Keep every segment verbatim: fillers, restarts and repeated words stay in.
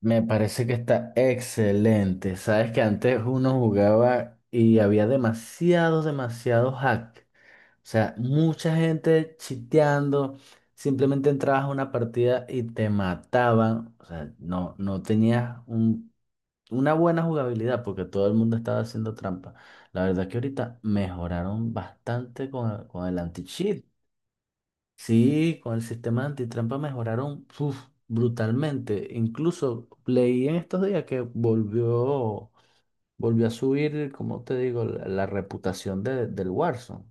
Me parece que está excelente. Sabes que antes uno jugaba y había demasiados, demasiados hack. O sea, mucha gente chiteando. Simplemente entrabas a una partida y te mataban. O sea, no, no tenías un- una buena jugabilidad porque todo el mundo estaba haciendo trampa. La verdad que ahorita mejoraron bastante con, con el anti-cheat. Sí, con el sistema antitrampa mejoraron uf, brutalmente. Incluso leí en estos días que volvió, volvió a subir, como te digo, la, la reputación de- del Warzone.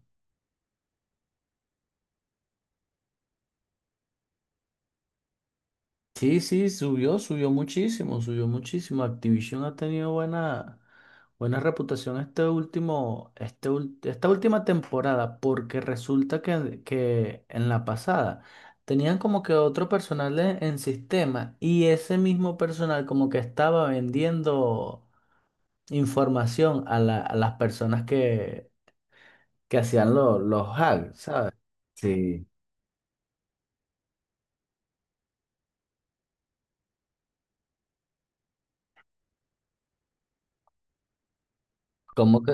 Sí, sí, subió, subió muchísimo, subió muchísimo. Activision ha tenido buena, buena reputación este último, este, ul- esta última temporada, porque resulta que, que en la pasada tenían como que otro personal en, en sistema y ese mismo personal como que estaba vendiendo información a, la- a las personas que, que hacían lo- los hacks, ¿sabes? Sí. Como que,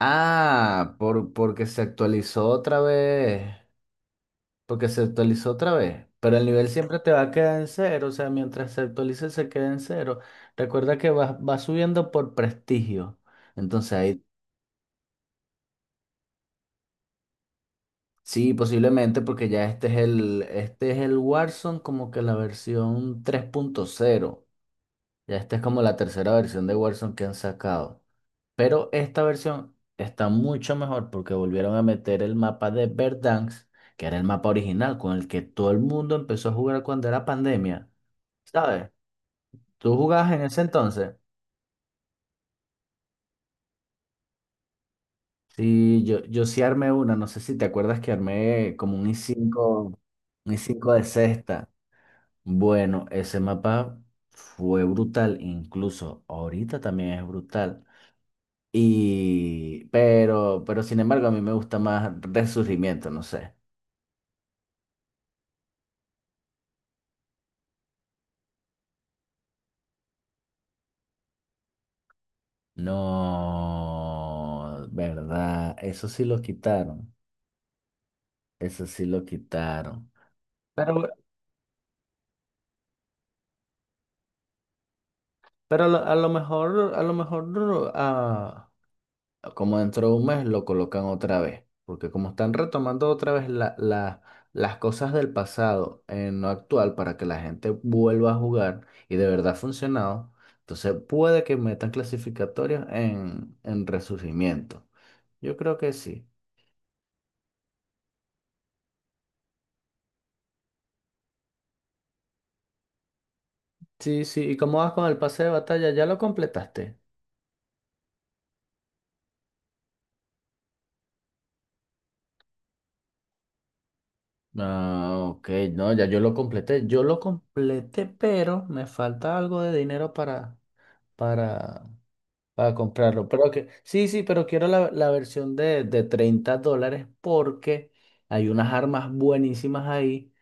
ah, por, porque se actualizó otra vez. porque se actualizó otra vez. Pero el nivel siempre te va a quedar en cero, o sea, mientras se actualice se queda en cero. Recuerda que va, va subiendo por prestigio. Entonces ahí sí, posiblemente, porque ya este es el, este es el Warzone como que la versión tres punto cero. Ya esta es como la tercera versión de Warzone que han sacado. Pero esta versión está mucho mejor porque volvieron a meter el mapa de Verdansk, que era el mapa original con el que todo el mundo empezó a jugar cuando era pandemia. ¿Sabes? ¿Tú jugabas en ese entonces? Sí, yo, yo sí armé una, no sé si te acuerdas que armé como un i cinco un i cinco de sexta. Bueno, ese mapa fue brutal, incluso ahorita también es brutal. Y, pero, pero sin embargo, a mí me gusta más Resurgimiento, no sé. No, verdad, eso sí lo quitaron, eso sí lo quitaron. Pero, pero a lo, a lo mejor, a lo mejor ah, como dentro de un mes lo colocan otra vez, porque como están retomando otra vez la- la- las cosas del pasado en lo actual para que la gente vuelva a jugar y de verdad ha funcionado, entonces puede que metan clasificatorios en, en resurgimiento. Yo creo que sí. Sí, sí. ¿Y cómo vas con el pase de batalla? ¿Ya lo completaste? Ah, ok, no, ya yo lo completé. Yo lo completé, pero me falta algo de dinero para, para para comprarlo. Pero que, sí, sí, pero quiero la, la versión de, de treinta dólares porque hay unas armas buenísimas ahí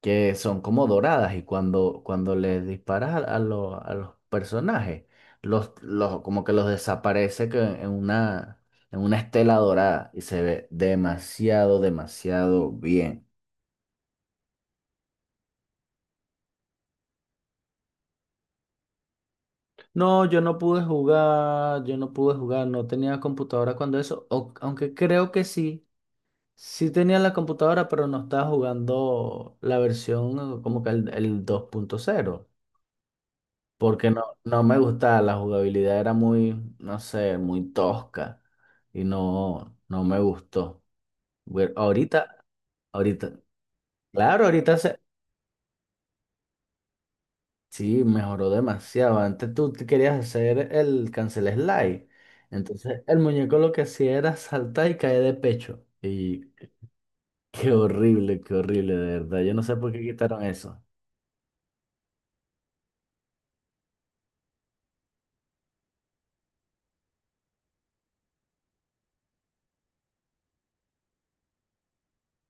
que son como doradas y cuando, cuando les disparas a, a lo- a los personajes, los, los, como que los desaparece que en una, en una estela dorada y se ve demasiado, demasiado bien. No, yo no pude jugar, yo no pude jugar, no tenía computadora cuando eso, o- aunque creo que sí. Sí tenía la computadora, pero no estaba jugando la versión eh, como que el, el dos punto cero, porque no, no me gustaba, la jugabilidad era muy, no sé, muy tosca y no, no me gustó. Bueno, ahorita, ahorita, claro, ahorita se, sí, mejoró demasiado. Antes tú te querías hacer el cancel slide, entonces el muñeco lo que hacía era saltar y caer de pecho. Y qué horrible, qué horrible, de verdad. Yo no sé por qué quitaron eso.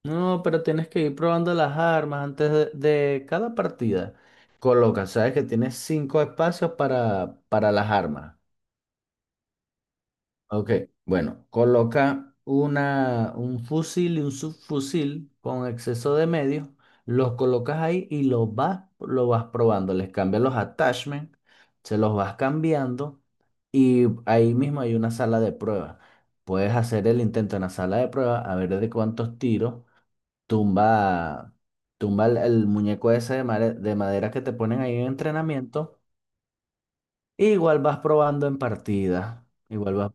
No, pero tienes que ir probando las armas antes de, de cada partida. Coloca, sabes que tienes cinco espacios para, para las armas. Ok, bueno, coloca una, un fusil y un subfusil con exceso de medios. Los colocas ahí y los vas, lo vas probando. Les cambias los attachments, se los vas cambiando y ahí mismo hay una sala de prueba. Puedes hacer el intento en la sala de prueba a ver de cuántos tiros tumba tumba el, el muñeco ese de, mare- de madera que te ponen ahí en entrenamiento, e igual vas probando en partida. Igual vas.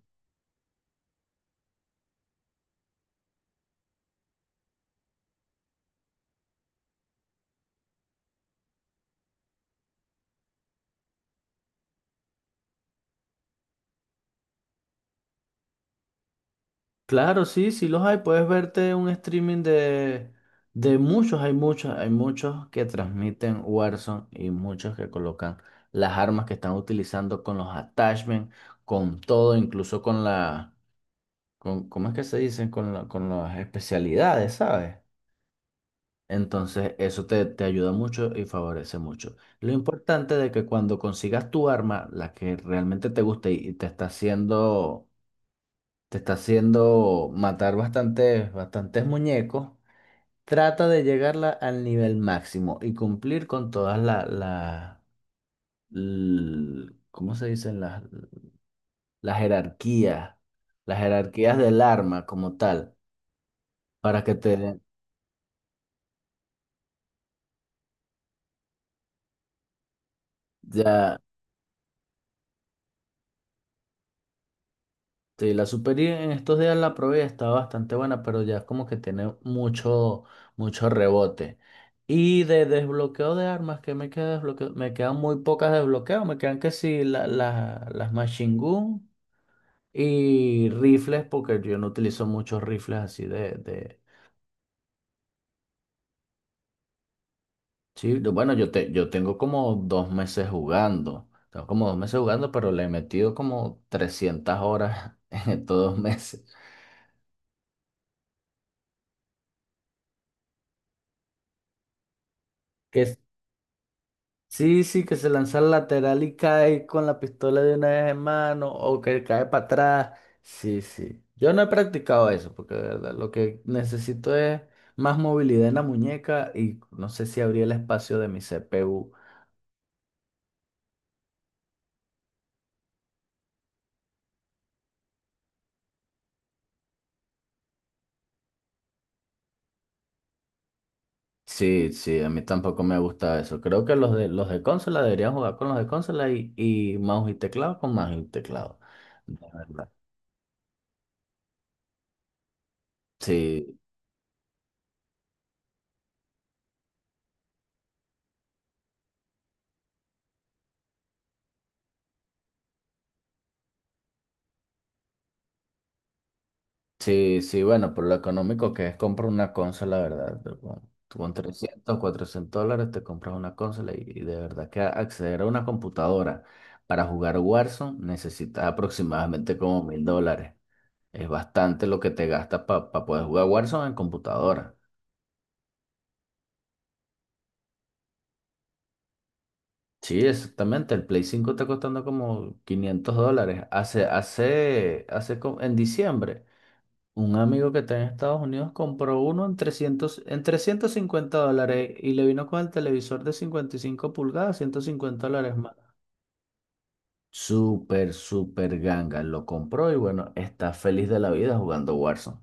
Claro, sí, sí los hay. Puedes verte un streaming de, de muchos, hay muchos, hay muchos que transmiten Warzone y muchos que colocan las armas que están utilizando con los attachments, con todo, incluso con la, con, ¿cómo es que se dicen? Con la, con las especialidades, ¿sabes? Entonces, eso te, te ayuda mucho y favorece mucho. Lo importante de que cuando consigas tu arma, la que realmente te guste y y te está haciendo, te está haciendo matar bastantes, bastantes muñecos, trata de llegarla al nivel máximo y cumplir con todas las, la, la- l- ¿cómo se dicen? Las, las jerarquías, las jerarquías del arma como tal, para que te den ya. Sí, la Super I en estos días la probé, está bastante buena, pero ya es como que tiene mucho, mucho rebote. Y de desbloqueo de armas, ¿que me queda desbloqueo? Me quedan muy pocas de desbloqueo, me quedan que sí la- la- las machine gun y rifles, porque yo no utilizo muchos rifles así de, de... Sí, yo- bueno, yo, te, yo tengo como dos meses jugando, tengo como dos meses jugando, pero le he metido como trescientas horas en estos dos meses. Que Sí, sí, que se lanza al lateral y cae con la pistola de una vez en mano o que cae para atrás. Sí, sí. Yo no he practicado eso porque de verdad lo que necesito es más movilidad en la muñeca y no sé si abría el espacio de mi C P U. Sí, sí, a mí tampoco me gusta eso. Creo que los de, los de consola deberían jugar con los de consola y, y mouse y teclado con mouse y teclado. De verdad. Sí. Sí, sí, bueno, por lo económico que es comprar una consola, ¿verdad? Pero Con, tú con trescientos, cuatrocientos dólares te compras una consola y, y de verdad que acceder a una computadora para jugar Warzone necesitas aproximadamente como mil dólares. Es bastante lo que te gastas para poder jugar Warzone en computadora. Sí, exactamente. El Play cinco está costando como quinientos dólares. Hace, hace, hace, co- en diciembre. Un amigo que está en Estados Unidos compró uno en trescientos, en trescientos cincuenta dólares y le vino con el televisor de cincuenta y cinco pulgadas, ciento cincuenta dólares más. Súper, súper ganga. Lo compró y bueno, está feliz de la vida jugando Warzone.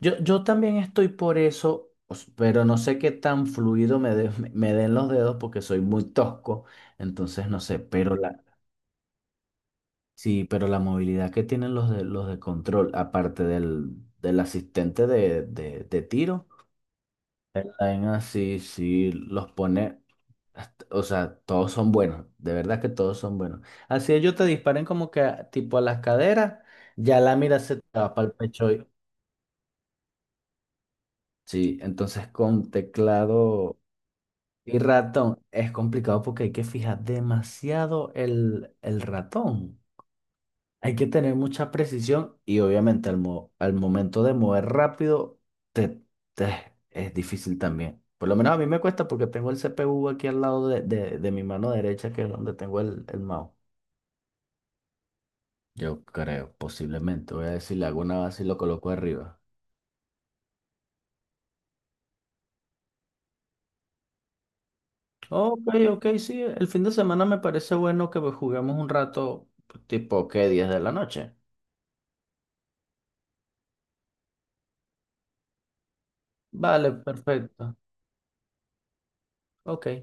Yo, yo también estoy por eso, os- pero no sé qué tan fluido me, de- me me den los dedos porque soy muy tosco. Entonces no sé, pero la, sí, pero la movilidad que tienen los de, los de control, aparte del, del asistente de de- de tiro. El line así, sí, los pone, hasta- o sea, todos son buenos, de verdad que todos son buenos. Así ellos te disparen como que a- tipo a las caderas, ya la mira se te va para el pecho. y- Sí, entonces con teclado y ratón es complicado porque hay que fijar demasiado el, el ratón. Hay que tener mucha precisión y obviamente al, mo- al momento de mover rápido te, te- es difícil también. Por lo menos a mí me cuesta porque tengo el C P U aquí al lado de, de- de mi mano derecha, que es donde tengo el, el mouse. Yo creo, posiblemente. Voy a decir, le hago una base y lo coloco arriba. Ok, ok, sí. El fin de semana me parece bueno que pues, juguemos un rato, tipo, ¿qué? diez de la noche. Vale, perfecto. Ok.